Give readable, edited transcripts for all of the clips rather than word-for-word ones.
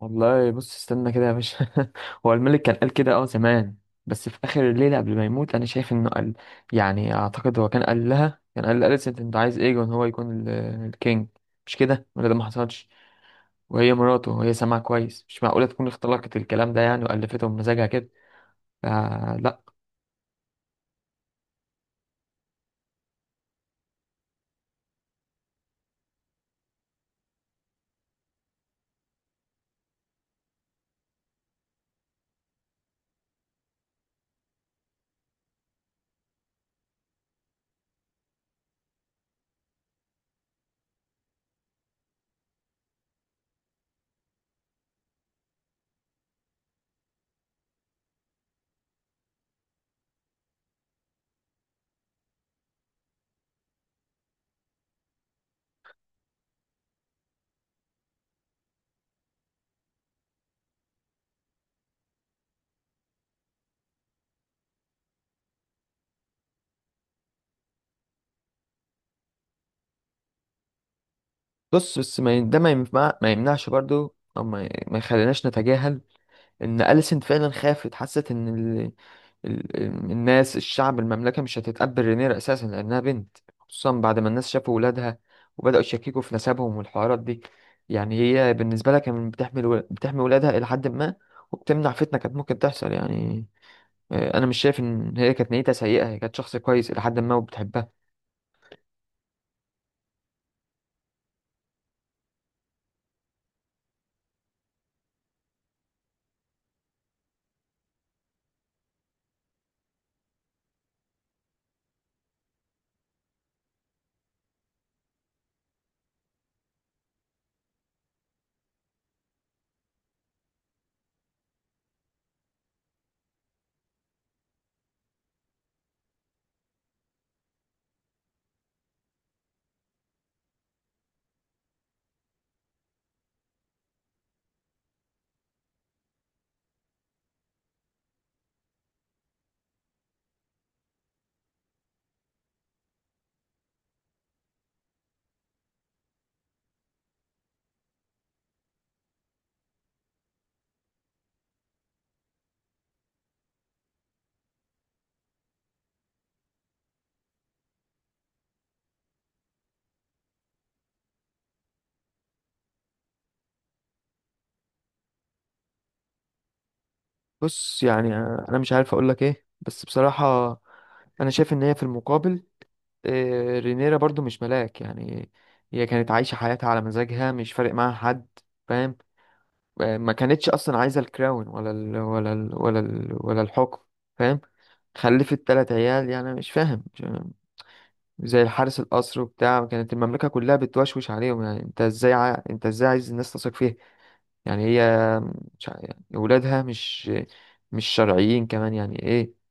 والله بص استنى كده يا باشا. هو الملك كان قال كده اه زمان، بس في اخر الليله قبل ما يموت انا شايف انه قال. يعني اعتقد هو كان قال لها، كان قال لأليسنت انت عايز ايه، ان هو يكون الكينج. مش كده؟ ولا ده ما حصلش؟ وهي مراته وهي سامعه كويس، مش معقوله تكون اختلقت الكلام ده يعني والفته بمزاجها كده. فلا. بص بس ما ي- ده ما ينفع، ما يمنعش برضو او ما يخليناش نتجاهل ان أليسنت فعلا خافت، حست ان ال... الناس، الشعب، المملكة مش هتتقبل رينير اساسا لانها بنت، خصوصا بعد ما الناس شافوا ولادها وبدأوا يشككوا في نسبهم والحوارات دي. يعني هي بالنسبة لها كانت بتحمي ولادها الى حد ما، وبتمنع فتنة كانت ممكن تحصل يعني. انا مش شايف ان هي كانت نيتها سيئة، هي كانت شخص كويس الى حد ما وبتحبها. بص يعني، انا مش عارف اقول لك ايه بس بصراحة، انا شايف ان هي في المقابل، رينيرا برضو مش ملاك يعني. هي كانت عايشة حياتها على مزاجها، مش فارق معاها حد. فاهم؟ ما كانتش أصلا عايزة الكراون ولا الحكم. فاهم؟ خلفت تلات عيال، يعني مش فاهم زي الحارس القصر وبتاع، كانت المملكة كلها بتوشوش عليهم. يعني انت ازاي عايز الناس تثق فيها؟ يعني هي مش ع- يعني ولادها مش مش شرعيين كمان، يعني ايه؟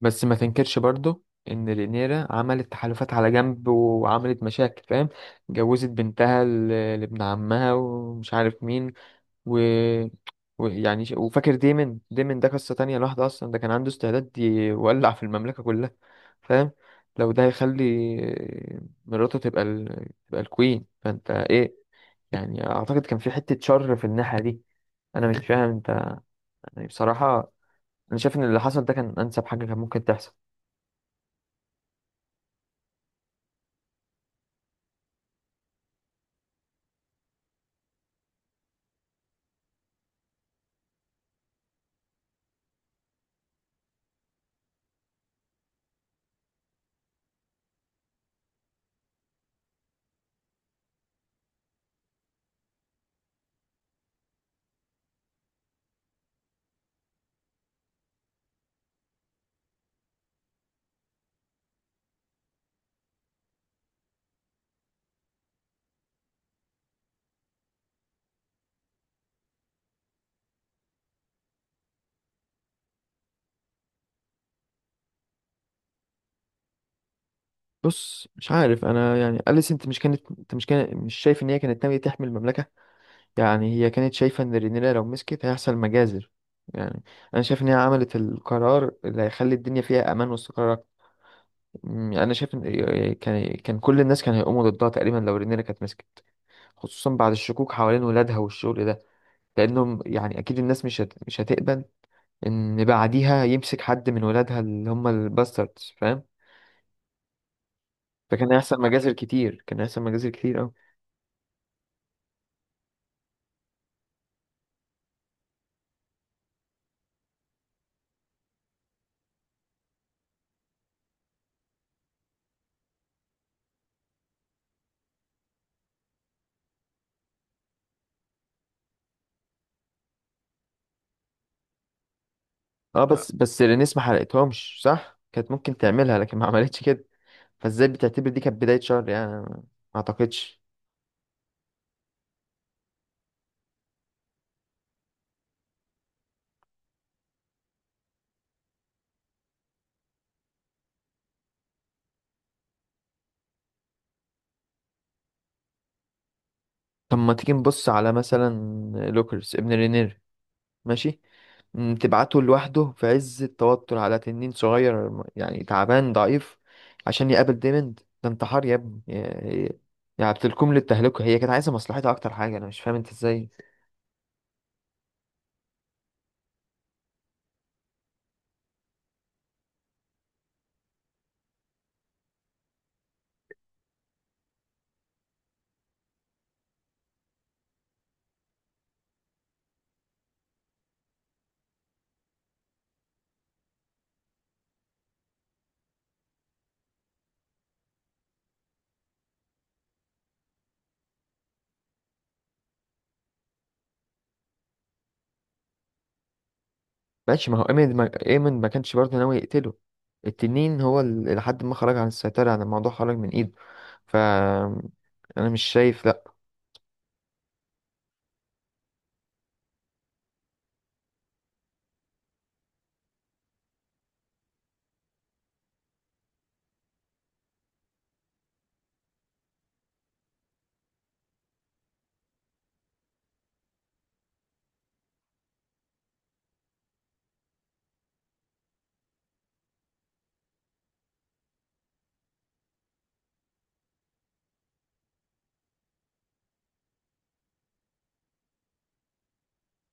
بس ما تنكرش برضو ان رينيرا عملت تحالفات على جنب وعملت مشاكل، فاهم؟ جوزت بنتها لابن عمها ومش عارف مين، و ويعني وفاكر ديمن، ديمن ده قصة تانية لوحده اصلا، ده كان عنده استعداد يولع في المملكة كلها. فاهم؟ لو ده هيخلي مراته تبقى تبقى الكوين، فانت ايه؟ يعني اعتقد كان في حتة شر في الناحية دي. انا مش فاهم انت، يعني بصراحة، انا شايف ان اللي حصل ده كان انسب حاجة كان ممكن تحصل. بص مش عارف انا، يعني اليس انت مش شايف ان هي كانت ناويه تحمي المملكه. يعني هي كانت شايفه ان رينيرا لو مسكت هيحصل مجازر. يعني انا شايف ان هي عملت القرار اللي هيخلي الدنيا فيها امان واستقرار أكتر. انا شايف ان، كان كل الناس كانوا هيقوموا ضدها تقريبا لو رينيرا كانت مسكت، خصوصا بعد الشكوك حوالين ولادها والشغل ده. لانهم يعني اكيد الناس مش هتقبل ان بعديها يمسك حد من ولادها اللي هم الباستردز، فاهم؟ فكان هيحصل مجازر كتير، كان هيحصل مجازر كتير أوي. اه بس رينيس ما حرقتهمش صح، كانت ممكن تعملها لكن ما عملتش كده. فازاي بتعتبر دي كانت بداية شهر يعني؟ أنا ما اعتقدش. طب ما تيجي نبص على مثلا لوكرز ابن رينير، ماشي، تبعته لوحده في عز التوتر على تنين صغير يعني تعبان ضعيف عشان يقابل ديمند، ده انتحار يا ابني يعني بتلكم للتهلكة. هي كانت عايزة مصلحتها أكتر حاجة، أنا مش فاهم أنت إزاي. ماشي، ما هو ايمن، ما كانش برضه ناوي يقتله، التنين هو اللي لحد ما خرج عن السيطرة، يعني الموضوع خرج من ايده. ف انا مش شايف، لا.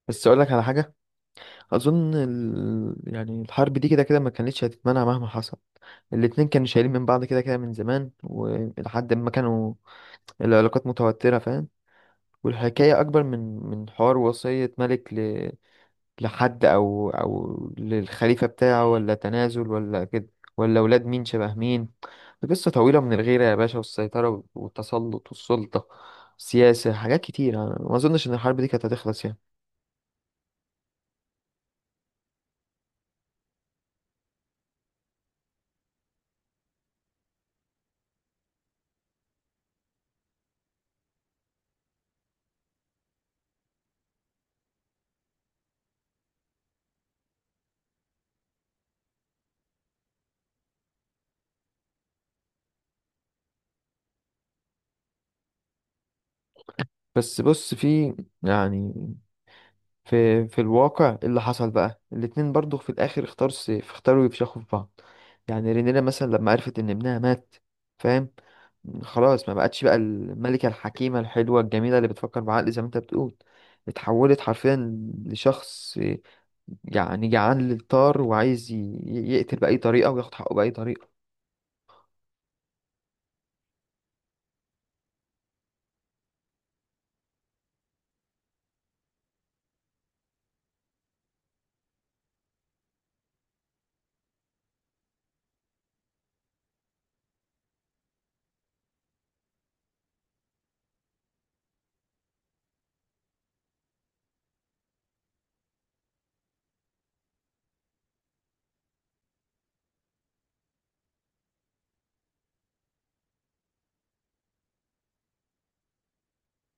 بس اقول لك على حاجة، اظن يعني الحرب دي كده كده ما كانتش هتتمنع مهما حصل. الاتنين كانوا شايلين من بعض كده كده من زمان، ولحد ما كانوا العلاقات متوترة، فاهم؟ والحكاية اكبر من من حوار وصية ملك لحد او للخليفه بتاعه، ولا تنازل ولا كده، ولا اولاد مين شبه مين. قصه طويله من الغيره يا باشا، والسيطره والتسلط والسلطه، سياسه، حاجات كتير. أنا ما اظنش ان الحرب دي كانت هتخلص يعني. بس بص، في يعني، في الواقع إيه اللي حصل بقى؟ الاتنين برضو في الاخر اختار سيف، اختاروا يفشخوا في بعض. يعني رينيرا مثلا لما عرفت ان ابنها مات، فاهم، خلاص ما بقتش بقى الملكة الحكيمة الحلوة الجميلة اللي بتفكر بعقل زي ما انت بتقول، اتحولت حرفيا لشخص يعني جعان للطار وعايز يقتل بأي طريقة وياخد حقه بأي طريقة.